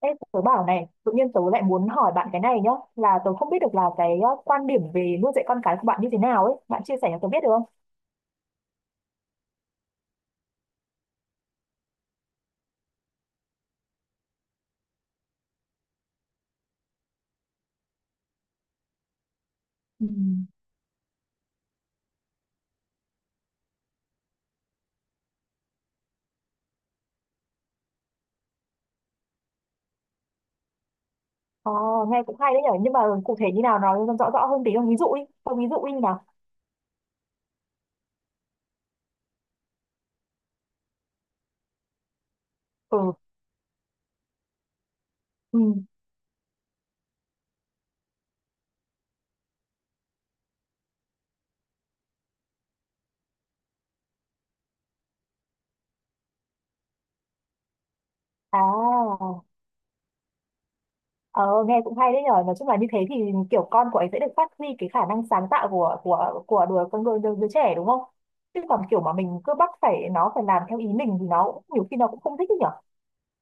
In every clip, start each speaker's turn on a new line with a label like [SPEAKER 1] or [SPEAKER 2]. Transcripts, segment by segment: [SPEAKER 1] Ê, tớ bảo này, tự nhiên tớ lại muốn hỏi bạn cái này nhá, là tớ không biết được là cái quan điểm về nuôi dạy con cái của bạn như thế nào ấy, bạn chia sẻ cho tớ biết được không? Ừ. Ờ, nghe cũng hay đấy nhở, nhưng mà cụ thể như nào nói rõ rõ hơn tí không? Ví dụ đi, không ví dụ đi nào. Ừ, ừ, à, ờ, nghe cũng hay đấy nhở, nói chung là như thế thì kiểu con của ấy sẽ được phát huy cái khả năng sáng tạo của đứa con đứa, đứa, đứa trẻ đúng không? Chứ còn kiểu mà mình cứ bắt phải nó phải làm theo ý mình thì nó cũng- nhiều khi nó cũng không thích đấy nhở.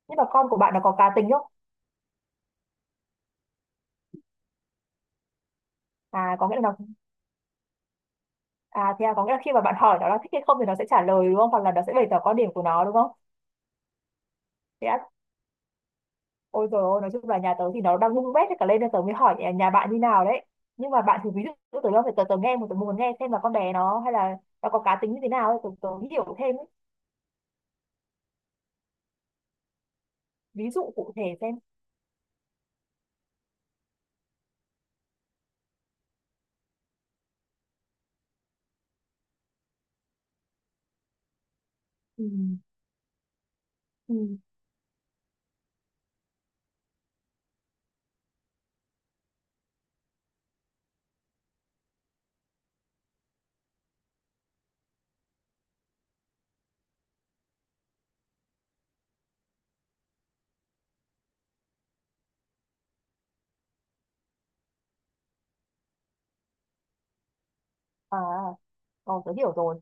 [SPEAKER 1] Nhưng mà con của bạn nó có cá tính không? À, có nghĩa là nó à thế à, có nghĩa là khi mà bạn hỏi nó là thích hay không thì nó sẽ trả lời đúng không? Hoặc là nó sẽ bày tỏ quan điểm của nó đúng không? Thế á, ôi rồi ôi, nói chung là nhà tớ thì nó đang bung bét hết cả lên nên tớ mới hỏi nhà bạn như nào đấy. Nhưng mà bạn thử ví dụ tớ đâu phải tớ, tớ nghe một tớ muốn nghe xem là con bé nó hay là nó có cá tính như thế nào ấy, tớ hiểu thêm ấy. Ví dụ cụ thể xem. Ừ. Ừ. À, tớ hiểu rồi.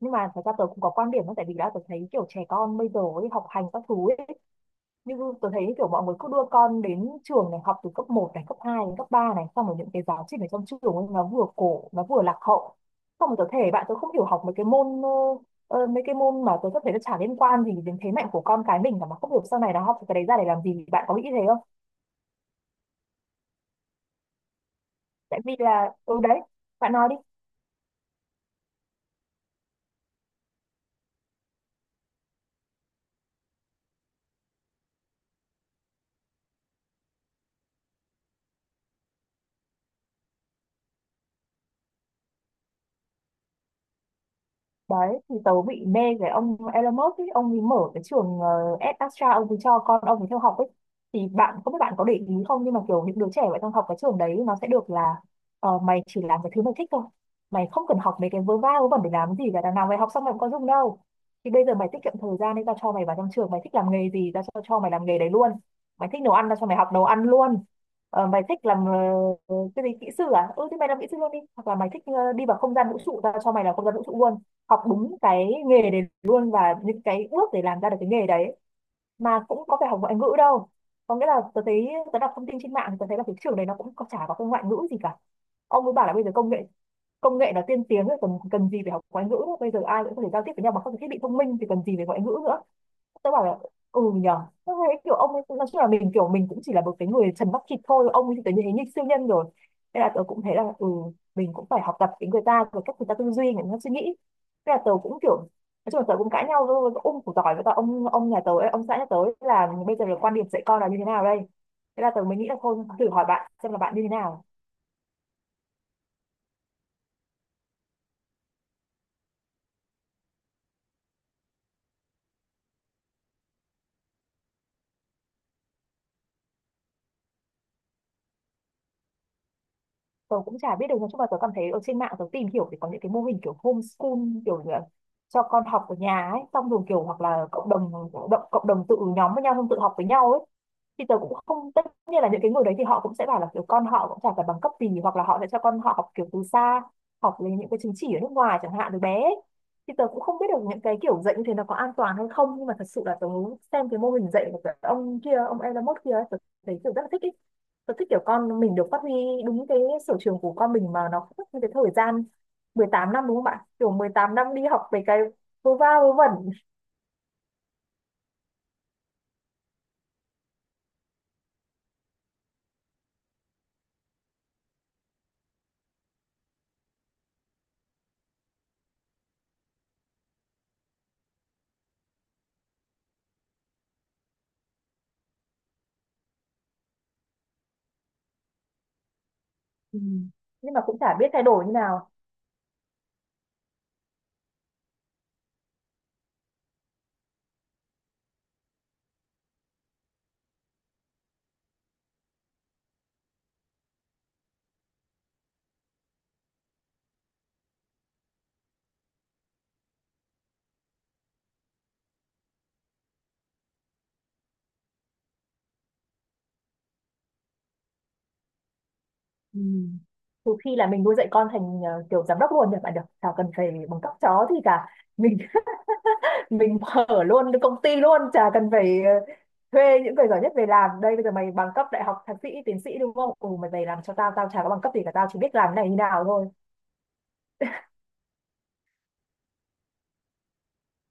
[SPEAKER 1] Nhưng mà thật ra tớ cũng có quan điểm đó, tại vì đã tớ thấy kiểu trẻ con bây giờ ấy, học hành các thứ ấy, như tôi thấy kiểu mọi người cứ đưa con đến trường này học từ cấp một này cấp 2 đến cấp 3 này, xong rồi những cái giáo trình ở trong trường ấy, nó vừa cổ nó vừa lạc hậu, xong rồi tôi thể bạn tôi không hiểu học mấy cái môn mà tôi có thể nó chả liên quan gì đến thế mạnh của con cái mình cả, mà không hiểu sau này nó học cái đấy ra để làm gì, bạn có nghĩ thế không, tại vì là ừ đấy bạn nói đi. Đấy thì tớ bị mê cái ông Elon Musk ấy, ông ấy mở cái trường Astra, ông ấy cho con ông ấy theo học ấy, thì bạn không biết bạn có để ý không nhưng mà kiểu những đứa trẻ vậy trong học cái trường đấy nó sẽ được là mày chỉ làm cái thứ mày thích thôi, mày không cần học mấy cái vớ va vớ vẩn để làm gì cả, đằng nào mày học xong mày cũng có dùng đâu, thì bây giờ mày tiết kiệm thời gian nên tao cho mày vào trong trường mày thích làm nghề gì tao cho mày làm nghề đấy luôn. Mày thích nấu ăn tao cho mày học nấu ăn luôn. Ờ, mày thích làm cái gì, kỹ sư à, ừ thì mày làm kỹ sư luôn đi, hoặc là mày thích đi vào không gian vũ trụ tao cho mày làm không gian vũ trụ luôn, học đúng cái nghề đấy luôn và những cái bước để làm ra được cái nghề đấy, mà cũng có phải học ngoại ngữ đâu. Có nghĩa là tớ thấy tớ đọc thông tin trên mạng thì tớ thấy là cái trường đấy nó cũng có- chả có cái ngoại ngữ gì cả, ông ấy bảo là bây giờ công nghệ, công nghệ nó tiên tiến rồi cần cần gì phải học ngoại ngữ nữa, bây giờ ai cũng có thể giao tiếp với nhau bằng các cái thiết bị thông minh thì cần gì phải ngoại ngữ nữa. Tớ bảo là ừ nhờ, tớ thấy kiểu ông ấy nói chung là mình kiểu mình cũng chỉ là một cái người trần mắt thịt thôi, ông ấy thì tớ thấy như siêu nhân rồi, nên là tớ cũng thấy là ừ mình cũng phải học tập cái người ta về cách người ta tư duy người ta suy nghĩ. Thế là tớ cũng kiểu nói chung là tớ cũng cãi nhau với ông của tỏi, với cả ông nhà tớ ấy, ông xã nhà tớ ấy, là bây giờ là quan điểm dạy con là như thế nào đây, thế là tớ mới nghĩ là thôi thử hỏi bạn xem là bạn như thế nào. Tớ cũng chả biết được, nói chung là tớ cảm thấy ở trên mạng tớ tìm hiểu thì có những cái mô hình kiểu homeschool, kiểu như là cho con học ở nhà ấy, xong rồi kiểu hoặc là cộng đồng tự nhóm với nhau không, tự học với nhau ấy, thì tớ cũng không, tất nhiên là những cái người đấy thì họ cũng sẽ bảo là kiểu con họ cũng chả phải bằng cấp gì hoặc là họ sẽ cho con họ học kiểu từ xa, học lấy những cái chứng chỉ ở nước ngoài chẳng hạn từ bé ấy. Thì tớ cũng không biết được những cái kiểu dạy như thế nó có an toàn hay không, nhưng mà thật sự là tớ xem cái mô hình dạy của cái ông kia, ông Elon Musk kia ấy, tớ thấy kiểu rất là thích ý. Tớ thích kiểu con mình được phát huy đúng cái sở trường của con mình mà nó không mất như cái thời gian 18 năm, đúng không bạn, kiểu 18 năm đi học về cái vô va vô vẩn. Ừ. Nhưng mà cũng chả biết thay đổi như nào. Ừ. Trừ khi là mình nuôi dạy con thành kiểu giám đốc luôn nhỉ bạn, được, chả cần phải bằng cấp chó thì cả mình mình mở luôn cái công ty luôn, chả cần phải thuê những người giỏi nhất về làm, đây bây giờ mày bằng cấp đại học thạc sĩ tiến sĩ đúng không, ừ mày về làm cho tao, tao chả có bằng cấp gì cả, tao chỉ biết làm cái này như nào thôi.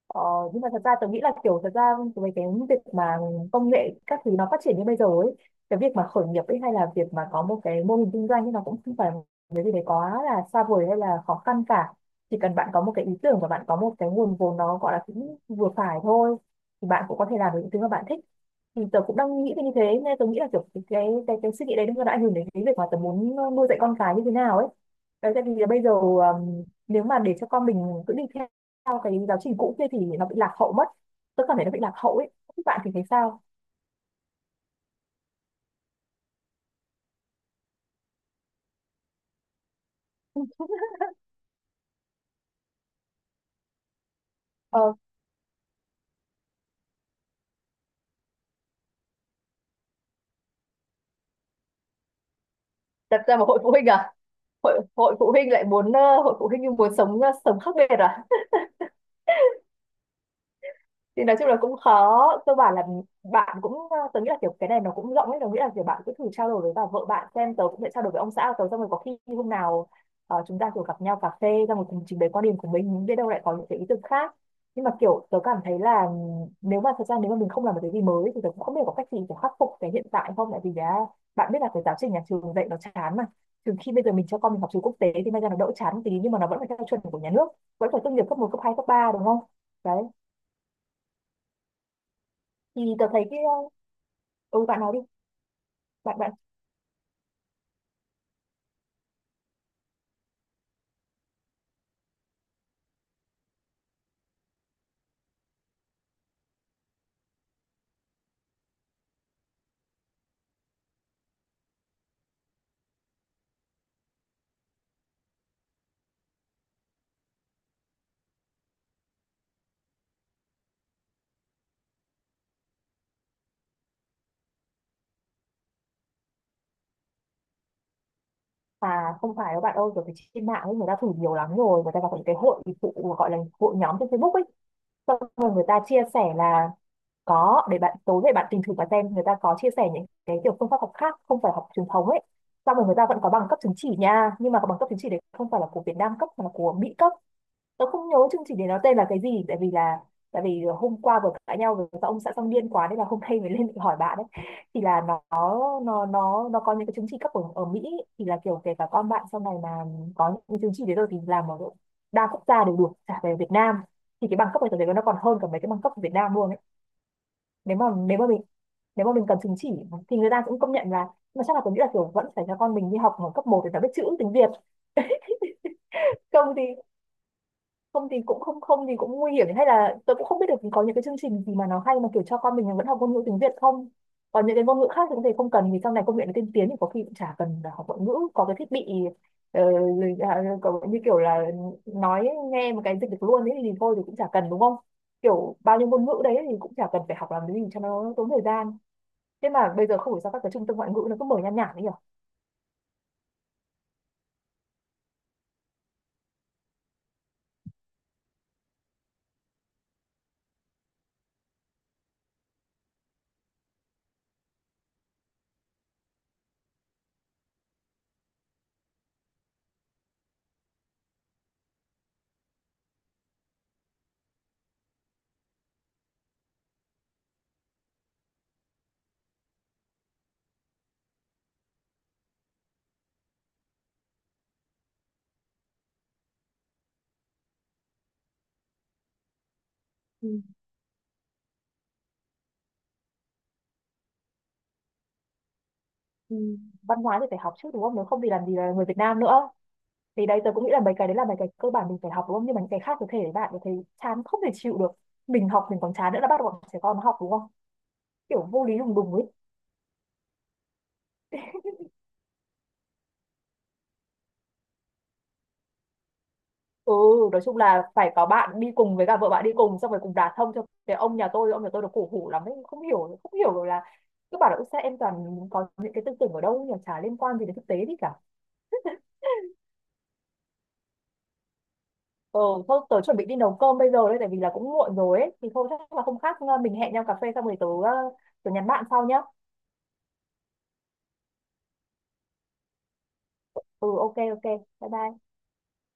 [SPEAKER 1] Ờ, nhưng mà thật ra tôi nghĩ là kiểu thật ra về cái việc mà công nghệ các thứ nó phát triển như bây giờ ấy, cái việc mà khởi nghiệp ấy hay là việc mà có một cái mô hình kinh doanh ấy nó cũng không phải cái gì đấy quá là xa vời hay là khó khăn cả, chỉ cần bạn có một cái ý tưởng và bạn có một cái nguồn vốn nó gọi là cũng vừa phải thôi thì bạn cũng có thể làm được những thứ mà bạn thích. Thì tớ cũng đang nghĩ về như thế, nên tớ nghĩ là kiểu cái suy nghĩ đấy nó đã ảnh hưởng đến cái việc mà tớ muốn nuôi dạy con cái như thế nào ấy, đấy tại vì là bây giờ nếu mà để cho con mình cứ đi theo theo cái giáo trình cũ kia thì nó bị lạc hậu mất, tôi cảm thấy nó bị lạc hậu ấy, các bạn thì thấy sao? Ờ, đặt ra một hội phụ huynh à? Hội hội phụ huynh lại muốn hội phụ huynh nhưng muốn sống sống khác biệt à? Thì nói chung là cũng khó, cơ bản là bạn cũng tớ nghĩ là kiểu cái này nó cũng rộng ấy, tớ nghĩ là kiểu bạn cứ thử trao đổi với bà vợ bạn xem, tớ cũng sẽ trao đổi với ông xã của tớ xong rồi có khi hôm nào chúng ta kiểu gặp nhau cà phê ra một cùng trình bày quan điểm của mình, biết đâu lại có những cái ý tưởng khác. Nhưng mà kiểu tớ cảm thấy là nếu mà thật ra nếu mà mình không làm một cái gì mới thì tớ cũng không biết có cách gì để khắc phục cái hiện tại không, tại vì đã bạn biết là cái giáo trình nhà trường dạy nó chán mà, từ khi bây giờ mình cho con mình học trường quốc tế thì may ra nó đỡ chán một tí nhưng mà nó vẫn phải theo chuẩn của nhà nước, vẫn phải tốt nghiệp cấp một cấp 2 cấp 3 đúng không. Đấy thì tớ thấy cái, ừ bạn nói đi, bạn bạn, à không phải đâu bạn ơi, kiểu cái trên mạng ấy người ta thử nhiều lắm rồi, người ta gặp những cái hội phụ gọi là hội nhóm trên Facebook ấy, xong rồi người ta chia sẻ là có, để bạn tối về bạn tìm thử và xem người ta có chia sẻ những cái kiểu phương pháp học khác không phải học truyền thống ấy, xong rồi người ta vẫn có bằng cấp chứng chỉ nha, nhưng mà cái bằng cấp chứng chỉ đấy không phải là của Việt Nam cấp mà là của Mỹ cấp. Tớ không nhớ chương trình đấy nó tên là cái gì, tại vì là tại vì hôm qua vừa cãi nhau với các ông xã xong điên quá nên là hôm nay mới lên để hỏi bạn đấy, thì là nó có những cái chứng chỉ cấp ở Mỹ, thì là kiểu kể cả con bạn sau này mà có những cái chứng chỉ đấy rồi thì làm ở độ đa quốc gia đều được, cả về Việt Nam thì cái bằng cấp ở tớ thấy nó còn hơn cả mấy cái bằng cấp ở Việt Nam luôn ấy. Nếu mà mình cần chứng chỉ thì người ta cũng công nhận là, mà chắc là tôi nghĩ là kiểu vẫn phải cho con mình đi học ở cấp một để nó biết chữ tiếng Việt, không thì, không thì cũng không không thì cũng nguy hiểm, hay là tôi cũng không biết được có những cái chương trình gì mà nó hay mà kiểu cho con mình vẫn học ngôn ngữ tiếng Việt không, còn những cái ngôn ngữ khác thì có thể không cần vì sau này công nghệ nó tiên tiến thì có khi cũng chả cần là học ngoại ngữ, có cái thiết bị ờ, à, như kiểu là nói nghe một cái dịch được luôn ấy thì thôi thì cũng chả cần đúng không, kiểu bao nhiêu ngôn ngữ đấy thì cũng chả cần phải học làm cái gì cho nó tốn thời gian. Thế mà bây giờ không hiểu sao các cái trung tâm ngoại ngữ nó cứ mở nhan nhản ấy nhỉ. Ừ. Ừ, văn hóa thì phải học chứ đúng không, nếu không thì làm gì là người Việt Nam nữa. Thì đấy tớ cũng nghĩ là mấy cái đấy là mấy cái cơ bản mình phải học đúng không, nhưng mà những cái khác có thể bạn có thấy chán không thể chịu được, mình học mình còn chán nữa là bắt bọn trẻ con nó học đúng không, kiểu vô lý đùng đùng ấy. Ừ, nói chung là phải có bạn đi cùng với cả vợ bạn đi cùng xong rồi cùng đả thông cho cái ông nhà tôi. Ông nhà tôi nó cổ hủ lắm ấy, không hiểu rồi là cứ bảo là "Ôi sao em toàn có những cái tư tưởng ở đâu nhỉ chả liên quan gì đến thực tế gì cả". Ừ thôi tớ chuẩn bị đi nấu cơm bây giờ đấy, tại vì là cũng muộn rồi ấy, thì thôi chắc là không khác mình hẹn nhau cà phê xong rồi tớ nhắn bạn sau nhá. Ừ ok ok bye bye.